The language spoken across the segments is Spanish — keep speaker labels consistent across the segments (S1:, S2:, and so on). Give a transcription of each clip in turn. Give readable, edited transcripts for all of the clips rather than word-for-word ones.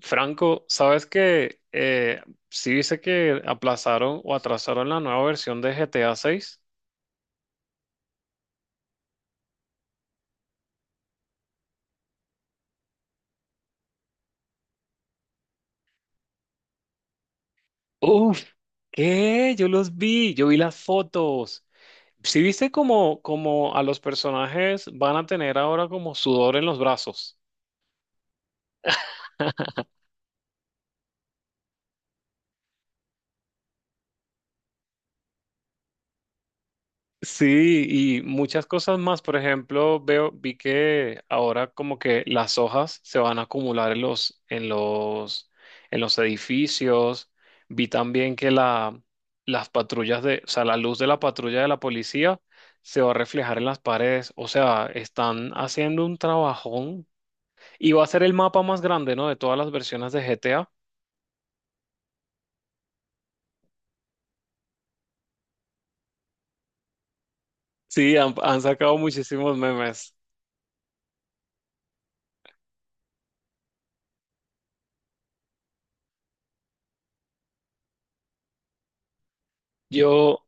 S1: Franco, sabes que sí dice que aplazaron o atrasaron la nueva versión de GTA 6. Uf, ¿qué? Yo los vi, yo vi las fotos. Sí viste como, como a los personajes van a tener ahora como sudor en los brazos. Sí, y muchas cosas más. Por ejemplo, vi que ahora como que las hojas se van a acumular en los edificios. Vi también que las patrullas o sea, la luz de la patrulla de la policía se va a reflejar en las paredes. O sea, están haciendo un trabajón. Y va a ser el mapa más grande, ¿no? De todas las versiones de GTA. Sí, han sacado muchísimos memes. Yo,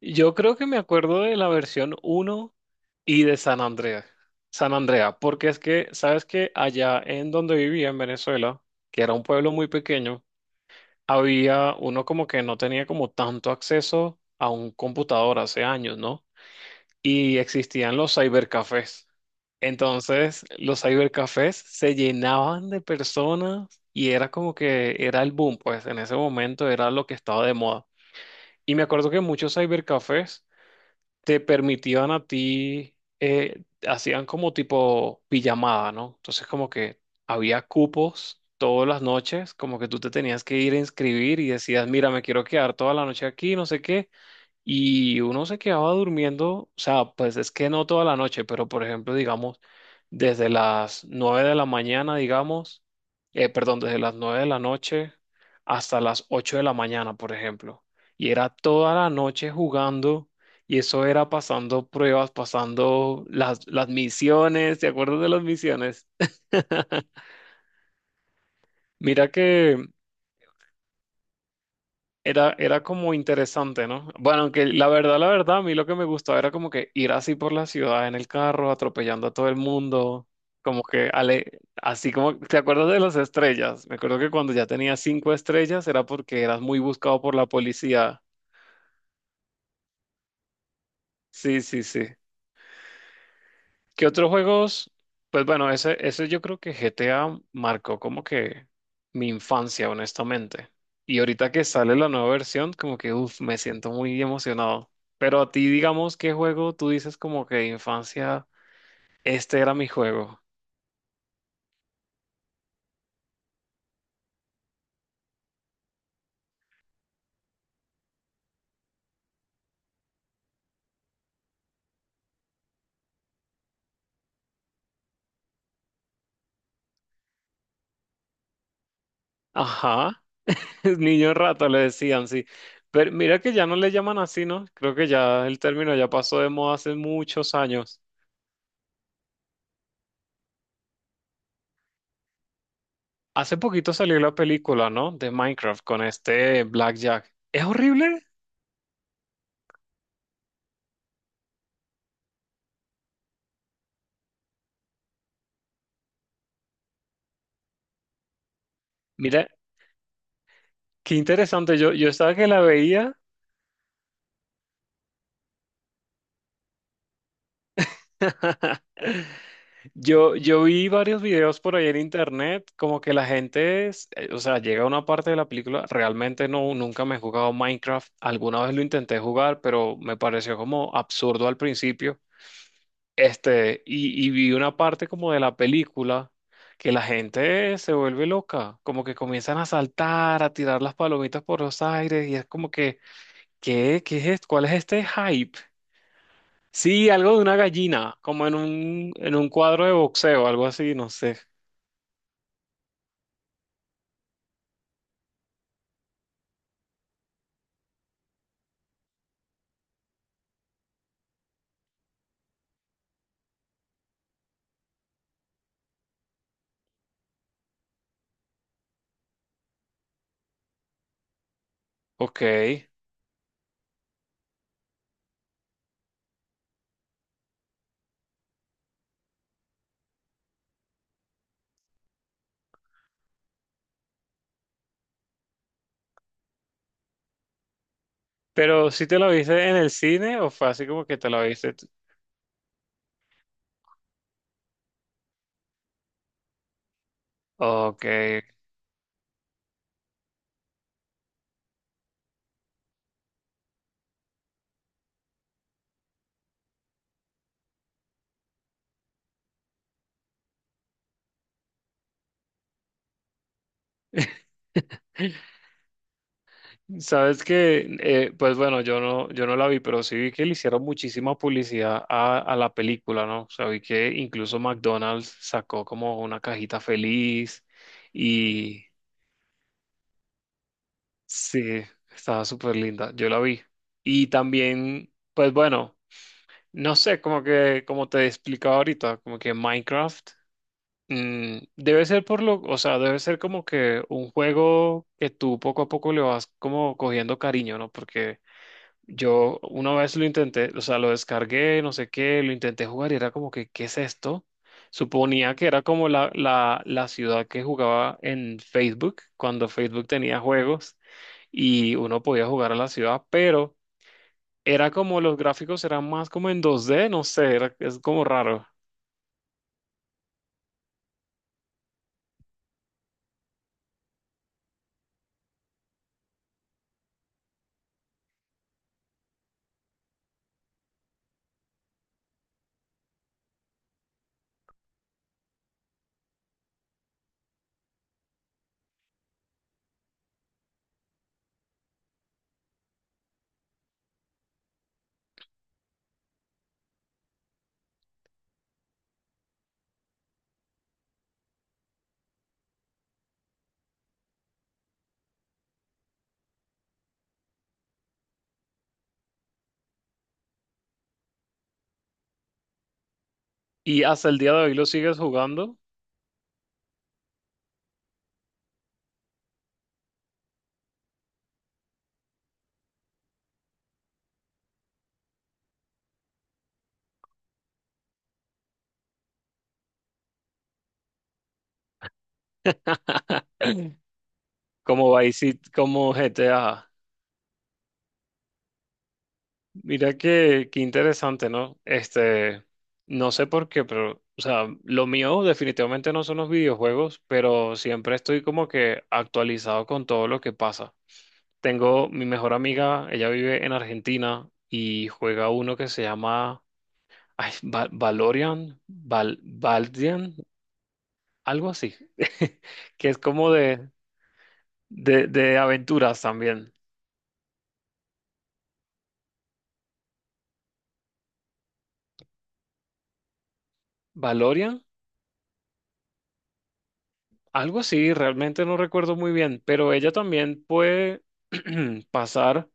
S1: Yo creo que me acuerdo de la versión uno y de San Andrea. San Andrea, porque es que, sabes que allá en donde vivía en Venezuela, que era un pueblo muy pequeño, había uno como que no tenía como tanto acceso a un computador hace años, ¿no? Y existían los cybercafés. Entonces, los cybercafés se llenaban de personas y era como que era el boom, pues en ese momento era lo que estaba de moda. Y me acuerdo que muchos cybercafés te permitían a ti, hacían como tipo pijamada, ¿no? Entonces como que había cupos todas las noches, como que tú te tenías que ir a inscribir y decías, mira, me quiero quedar toda la noche aquí, no sé qué. Y uno se quedaba durmiendo, o sea, pues es que no toda la noche, pero por ejemplo, digamos, desde las 9 de la mañana, digamos, perdón, desde las 9 de la noche hasta las 8 de la mañana, por ejemplo. Y era toda la noche jugando y eso era pasando pruebas, pasando las misiones, ¿te acuerdas de las misiones? Mira que era como interesante, ¿no? Bueno, aunque la verdad, a mí lo que me gustaba era como que ir así por la ciudad en el carro, atropellando a todo el mundo, como que así como, ¿te acuerdas de las estrellas? Me acuerdo que cuando ya tenía cinco estrellas era porque eras muy buscado por la policía. Sí, sí, sí. ¿Qué otros juegos? Pues bueno, ese yo creo que GTA marcó como que mi infancia, honestamente. Y ahorita que sale la nueva versión, como que, uff, me siento muy emocionado. Pero a ti, digamos, ¿qué juego tú dices como que de infancia, este era mi juego? Ajá, el niño rata le decían, sí. Pero mira que ya no le llaman así, ¿no? Creo que ya el término ya pasó de moda hace muchos años. Hace poquito salió la película, ¿no? De Minecraft con este Blackjack. Es horrible. Mira, qué interesante. Yo estaba que la veía. Yo vi varios videos por ahí en internet, como que la gente, o sea, llega a una parte de la película, realmente no, nunca me he jugado Minecraft, alguna vez lo intenté jugar, pero me pareció como absurdo al principio, este, y vi una parte como de la película que la gente se vuelve loca, como que comienzan a saltar, a tirar las palomitas por los aires, y es como que, ¿ qué es esto? ¿Cuál es este hype? Sí, algo de una gallina, como en un cuadro de boxeo, algo así, no sé. Ok. Pero si te lo viste en el cine o fue así como que te lo viste tú? Ok. Sabes que, pues bueno, yo no la vi, pero sí vi que le hicieron muchísima publicidad a la película, ¿no? O sea, vi que incluso McDonald's sacó como una cajita feliz y sí, estaba súper linda, yo la vi. Y también, pues bueno. No sé, como que, como te he explicado ahorita, como que Minecraft debe ser o sea, debe ser como que un juego que tú poco a poco le vas como cogiendo cariño, ¿no? Porque yo una vez lo intenté, o sea, lo descargué, no sé qué, lo intenté jugar y era como que, ¿qué es esto? Suponía que era como la ciudad que jugaba en Facebook, cuando Facebook tenía juegos y uno podía jugar a la ciudad, pero era como los gráficos eran más como en 2D, no sé, es como raro. Y hasta el día de hoy lo sigues jugando como como GTA. Mira que, qué interesante, ¿no? Este, no sé por qué, pero, o sea, lo mío definitivamente no son los videojuegos, pero siempre estoy como que actualizado con todo lo que pasa. Tengo mi mejor amiga, ella vive en Argentina y juega uno que se llama ay, Valorian, Valdian, algo así. Que es como de aventuras también. ¿Valorian? Algo así, realmente no recuerdo muy bien, pero ella también puede pasar,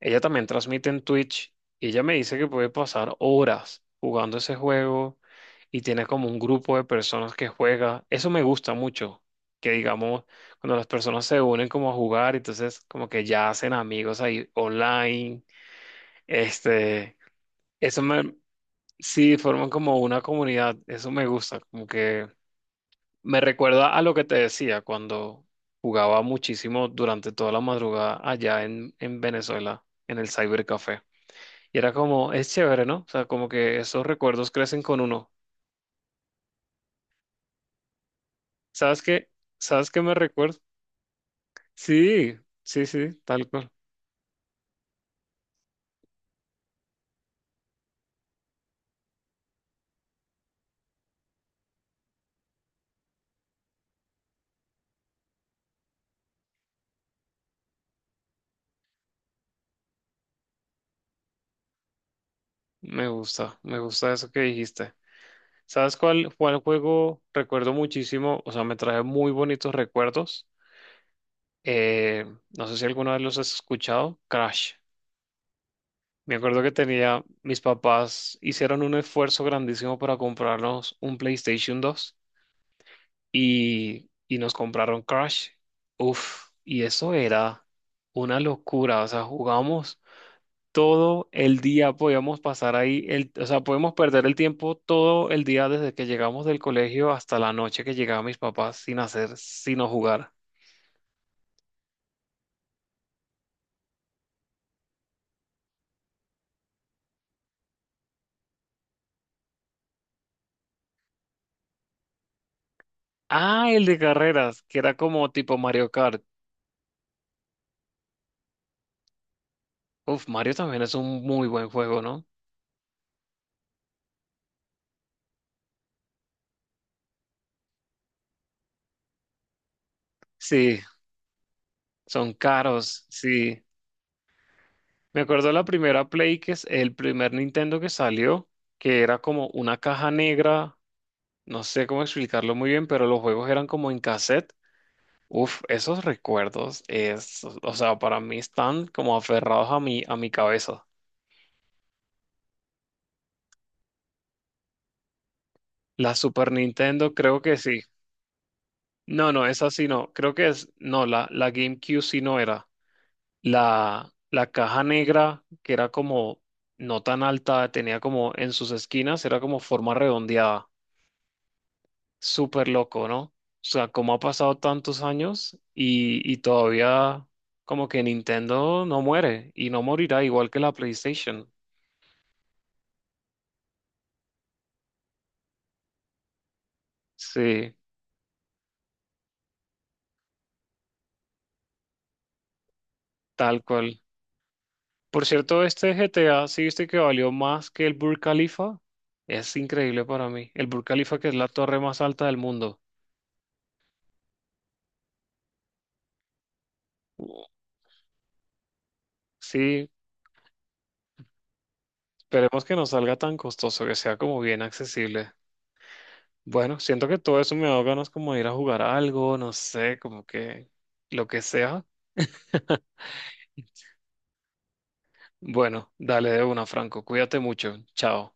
S1: ella también transmite en Twitch y ella me dice que puede pasar horas jugando ese juego y tiene como un grupo de personas que juega. Eso me gusta mucho, que digamos, cuando las personas se unen como a jugar, entonces como que ya hacen amigos ahí online, este. Eso me, Sí, forman como una comunidad, eso me gusta, como que me recuerda a lo que te decía cuando jugaba muchísimo durante toda la madrugada allá en Venezuela, en el cybercafé. Y era como, es chévere, ¿no? O sea, como que esos recuerdos crecen con uno. ¿Sabes qué? ¿Sabes qué me recuerda? Sí, sí, sí, tal cual. Me gusta eso que dijiste. ¿Sabes cuál juego recuerdo muchísimo? O sea, me trae muy bonitos recuerdos. Eh, no sé si alguna vez los has escuchado. Crash. Me acuerdo que tenía, mis papás hicieron un esfuerzo grandísimo para comprarnos un PlayStation 2 y nos compraron Crash. Uf, y eso era una locura. O sea, jugamos todo el día, podíamos pasar ahí, el, o sea, podíamos perder el tiempo todo el día desde que llegamos del colegio hasta la noche que llegaban mis papás sin hacer, sino jugar. Ah, el de carreras, que era como tipo Mario Kart. Uf, Mario también es un muy buen juego, ¿no? Sí, son caros, sí. Me acuerdo la primera Play, que es el primer Nintendo que salió, que era como una caja negra, no sé cómo explicarlo muy bien, pero los juegos eran como en cassette. Uf, esos recuerdos es, o sea, para mí están como aferrados a mi cabeza. La Super Nintendo creo que sí. No, no, esa sí no. Creo que es, no, la GameCube sí no era. La caja negra, que era como no tan alta, tenía como en sus esquinas, era como forma redondeada. Súper loco, ¿no? O sea, cómo ha pasado tantos años y todavía como que Nintendo no muere y no morirá igual que la PlayStation. Sí, tal cual. Por cierto, este GTA, ¿sí viste que valió más que el Burj Khalifa? Es increíble para mí. El Burj Khalifa, que es la torre más alta del mundo. Sí, esperemos que no salga tan costoso, que sea como bien accesible. Bueno, siento que todo eso me da ganas como de ir a jugar a algo, no sé, como que lo que sea. Bueno, dale de una, Franco. Cuídate mucho. Chao.